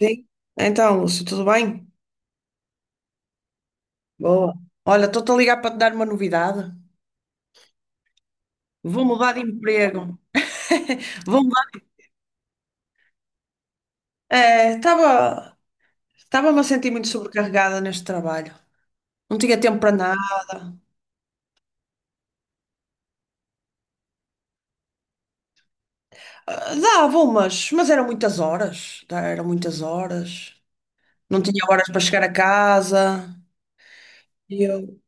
Sim. Então, Lúcio, tudo bem? Boa. Olha, estou-te a ligar para te dar uma novidade. Vou mudar de emprego. Vou mudar. Eh, Estava, estava-me a sentir muito sobrecarregada neste trabalho. Não tinha tempo para nada. Dava umas, mas eram muitas horas. Tá, Eram muitas horas. Não tinha horas para chegar a casa. E eu,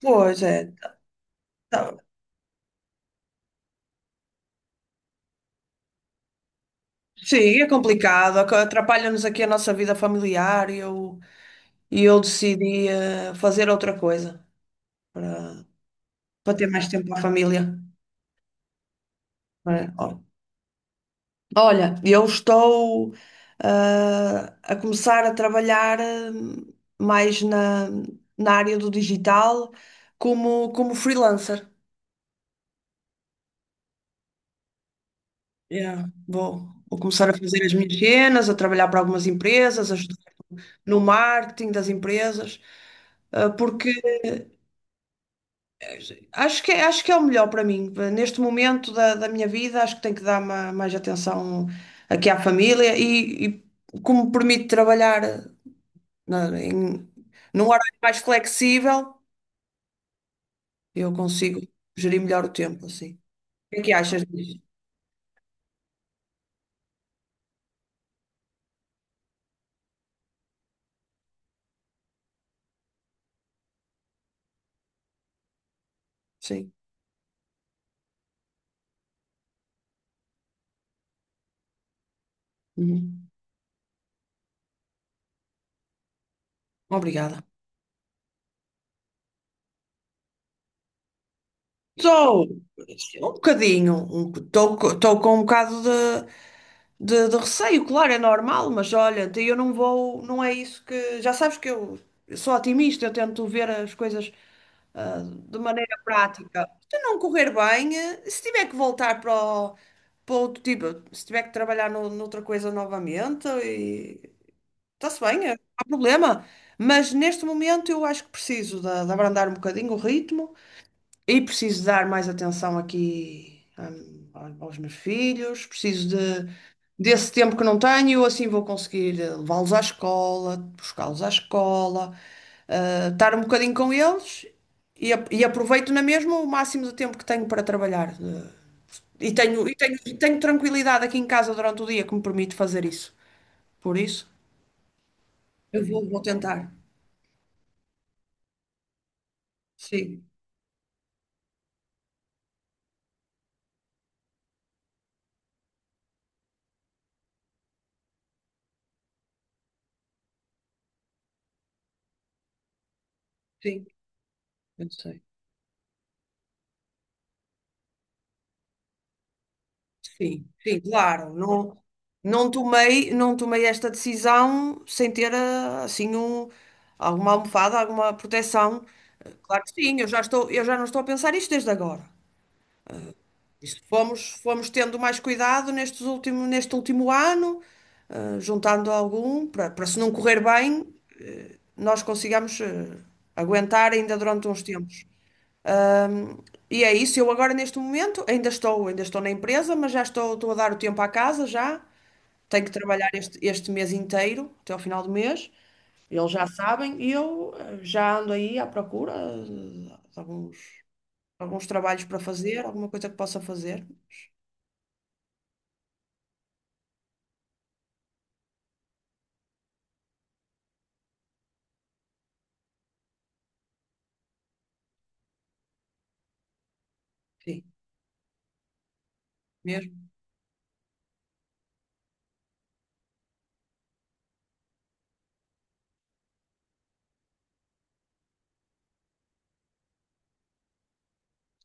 pois é. tá- Sim, é complicado. Atrapalha-nos aqui a nossa vida familiar. E eu decidi fazer outra coisa, para ter mais tempo para a família. Olha, olha, eu estou a começar a trabalhar mais na área do digital como freelancer. Yeah, vou começar a fazer as minhas cenas, a trabalhar para algumas empresas, a ajudar no marketing das empresas, porque acho que é o melhor para mim. Neste momento da minha vida, acho que tenho que dar mais atenção aqui à família e como permite trabalhar na- em- num horário mais flexível, eu consigo gerir melhor o tempo, assim. O que é que achas disso? Sim. Uhum. Obrigada. Estou um bocadinho, estou com um bocado de receio, claro, é normal, mas olha, eu não vou, não é isso que. Já sabes que eu sou otimista, eu tento ver as coisas ah, de maneira prática. Se não correr bem, se tiver que voltar para outro tipo, se tiver que trabalhar noutra coisa novamente, e está-se bem, não há problema. Mas neste momento eu acho que preciso de abrandar um bocadinho o ritmo e preciso dar mais atenção aqui, aos meus filhos, preciso desse tempo que não tenho, assim vou conseguir levá-los à escola, buscá-los à escola, estar um bocadinho com eles e aproveito na mesma o máximo de tempo que tenho para trabalhar. E tenho tranquilidade aqui em casa durante o dia que me permite fazer isso. Por isso, eu vou tentar. Sim, sim, eu sei. Sim, sim, claro. Não, não tomei esta decisão sem ter assim alguma almofada, alguma proteção. Claro que sim, eu já estou, eu já não estou a pensar isto desde agora. Isto fomos tendo mais cuidado neste último ano, juntando algum, para, para se não correr bem, nós consigamos aguentar ainda durante uns tempos. Ahm, e é isso, eu agora neste momento ainda estou na empresa, mas estou a dar o tempo à casa já. Tenho que trabalhar este mês inteiro, até ao final do mês. Eles já sabem e eu já ando aí à procura de alguns trabalhos para fazer, alguma coisa que possa fazer. Sim, mesmo,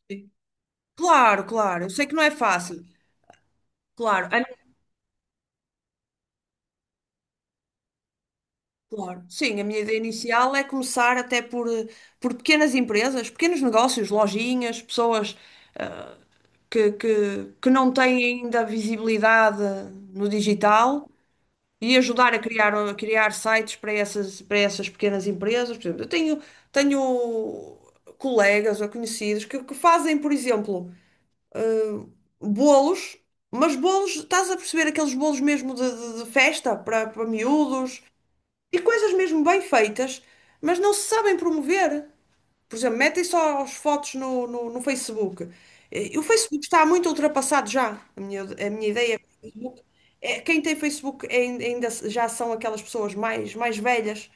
sim. Claro, claro, eu sei que não é fácil. Claro, a claro. Sim, a minha ideia inicial é começar até por pequenas empresas, pequenos negócios, lojinhas, pessoas, que, que, que não têm ainda visibilidade no digital e ajudar a criar sites para essas pequenas empresas. Por exemplo, eu tenho colegas ou conhecidos que fazem, por exemplo, bolos, mas bolos, estás a perceber aqueles bolos mesmo de festa para miúdos e coisas mesmo bem feitas, mas não se sabem promover. Por exemplo, metem só as fotos no Facebook. O Facebook está muito ultrapassado já. A minha ideia é que o Facebook. É, quem tem Facebook é ainda já são aquelas pessoas mais velhas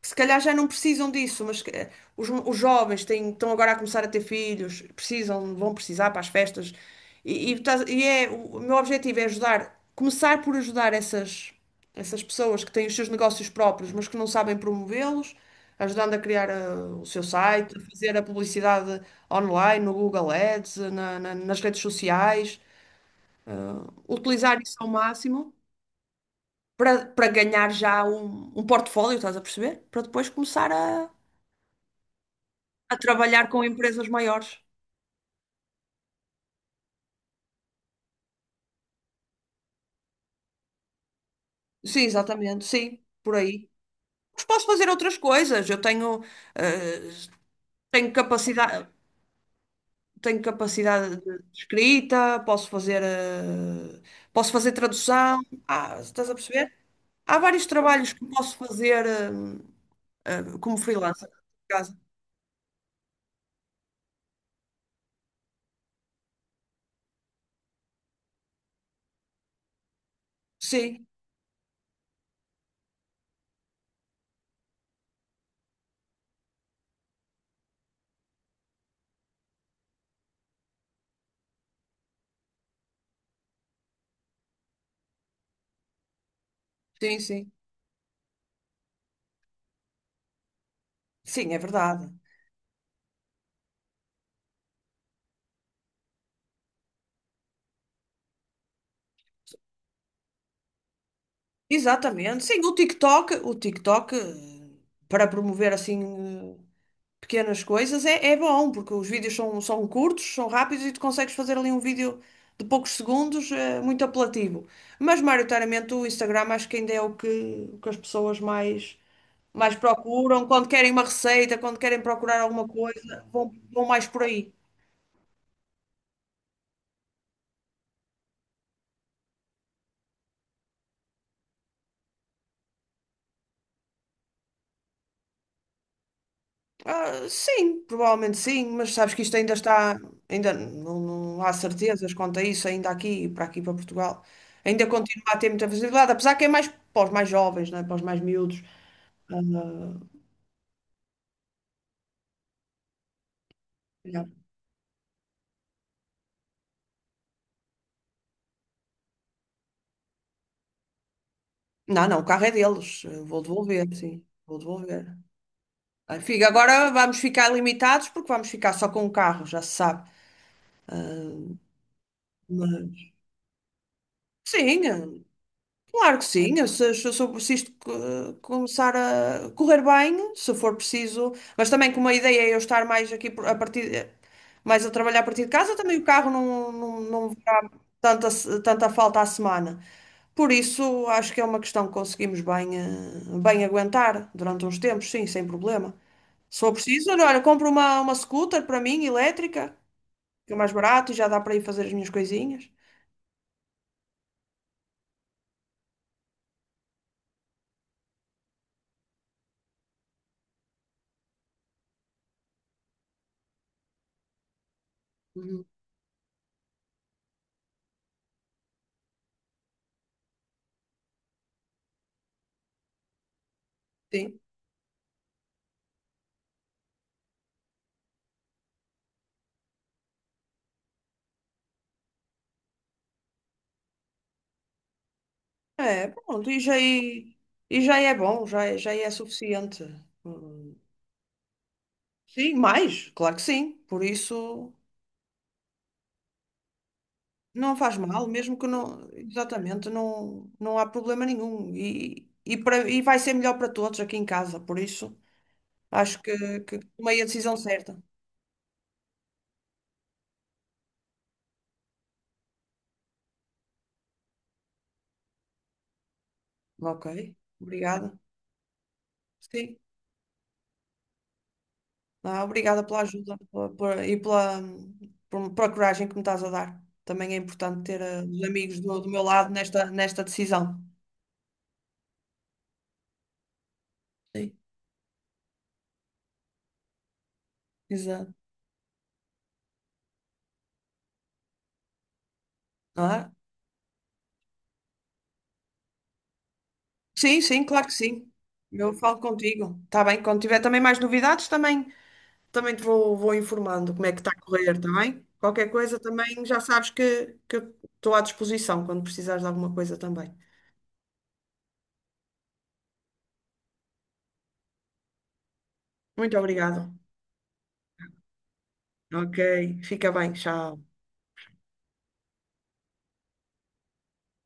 que se calhar já não precisam disso, mas que, os jovens têm, estão agora a começar a ter filhos, precisam, vão precisar para as festas. O meu objetivo é ajudar, começar por ajudar essas, essas pessoas que têm os seus negócios próprios, mas que não sabem promovê-los, ajudando a criar o seu site, a fazer a publicidade online, no Google Ads, nas redes sociais, utilizar isso ao máximo. Para ganhar já um portfólio, estás a perceber? Para depois começar a trabalhar com empresas maiores. Sim, exatamente, sim, por aí. Mas posso fazer outras coisas. Eu tenho, eh, tenho capacidade, tenho capacidade de escrita, posso fazer tradução. Ah, estás a perceber? Há vários trabalhos que posso fazer, como freelancer, por acaso. Sim, sim, sim. Sim, é verdade. Exatamente. Sim, o TikTok, para promover assim pequenas coisas é bom, porque os vídeos são curtos, são rápidos e tu consegues fazer ali um vídeo de poucos segundos, muito apelativo. Mas maioritariamente o Instagram acho que ainda é o que as pessoas mais procuram. Quando querem uma receita, quando querem procurar alguma coisa, vão mais por aí. Ah, sim, provavelmente sim, mas sabes que isto ainda está, ainda não, não há certezas quanto a isso, ainda aqui, para aqui, para Portugal. Ainda continua a ter muita visibilidade, apesar que é mais para os mais jovens, né? Para os mais miúdos. Ah, não, não, o carro é deles. Eu vou devolver, sim. Vou devolver. Ah, agora vamos ficar limitados porque vamos ficar só com o carro, já se sabe. Ah, mas, sim, claro que sim. Eu Se, se, se, se isto começar a correr bem, se for preciso. Mas também como a ideia é eu estar mais aqui a trabalhar a partir de casa, também o carro não, não, não tanta, tanta falta à semana. Por isso, acho que é uma questão que conseguimos bem, bem aguentar durante uns tempos, sim, sem problema. Se for preciso, olha, compro uma scooter para mim, elétrica, que é mais barato e já dá para ir fazer as minhas coisinhas. Uhum. Sim. É, pronto, e já é bom, já, já é suficiente. Hum. Sim, mais, claro que sim. Por isso. Não faz mal, mesmo que não, exatamente, não, não há problema nenhum. E vai ser melhor para todos aqui em casa, por isso acho que tomei a decisão certa. Ok, obrigada. Sim, obrigada pela ajuda e pela coragem que me estás a dar. Também é importante ter os amigos do meu lado nesta decisão. Sim, exato. Ah, sim, sim, claro que sim. Eu falo contigo. Está bem, quando tiver também mais novidades, também. Também te vou informando como é que está a correr, está bem? Qualquer coisa também já sabes que eu estou à disposição quando precisares de alguma coisa também. Muito obrigada. Ok, fica bem, tchau.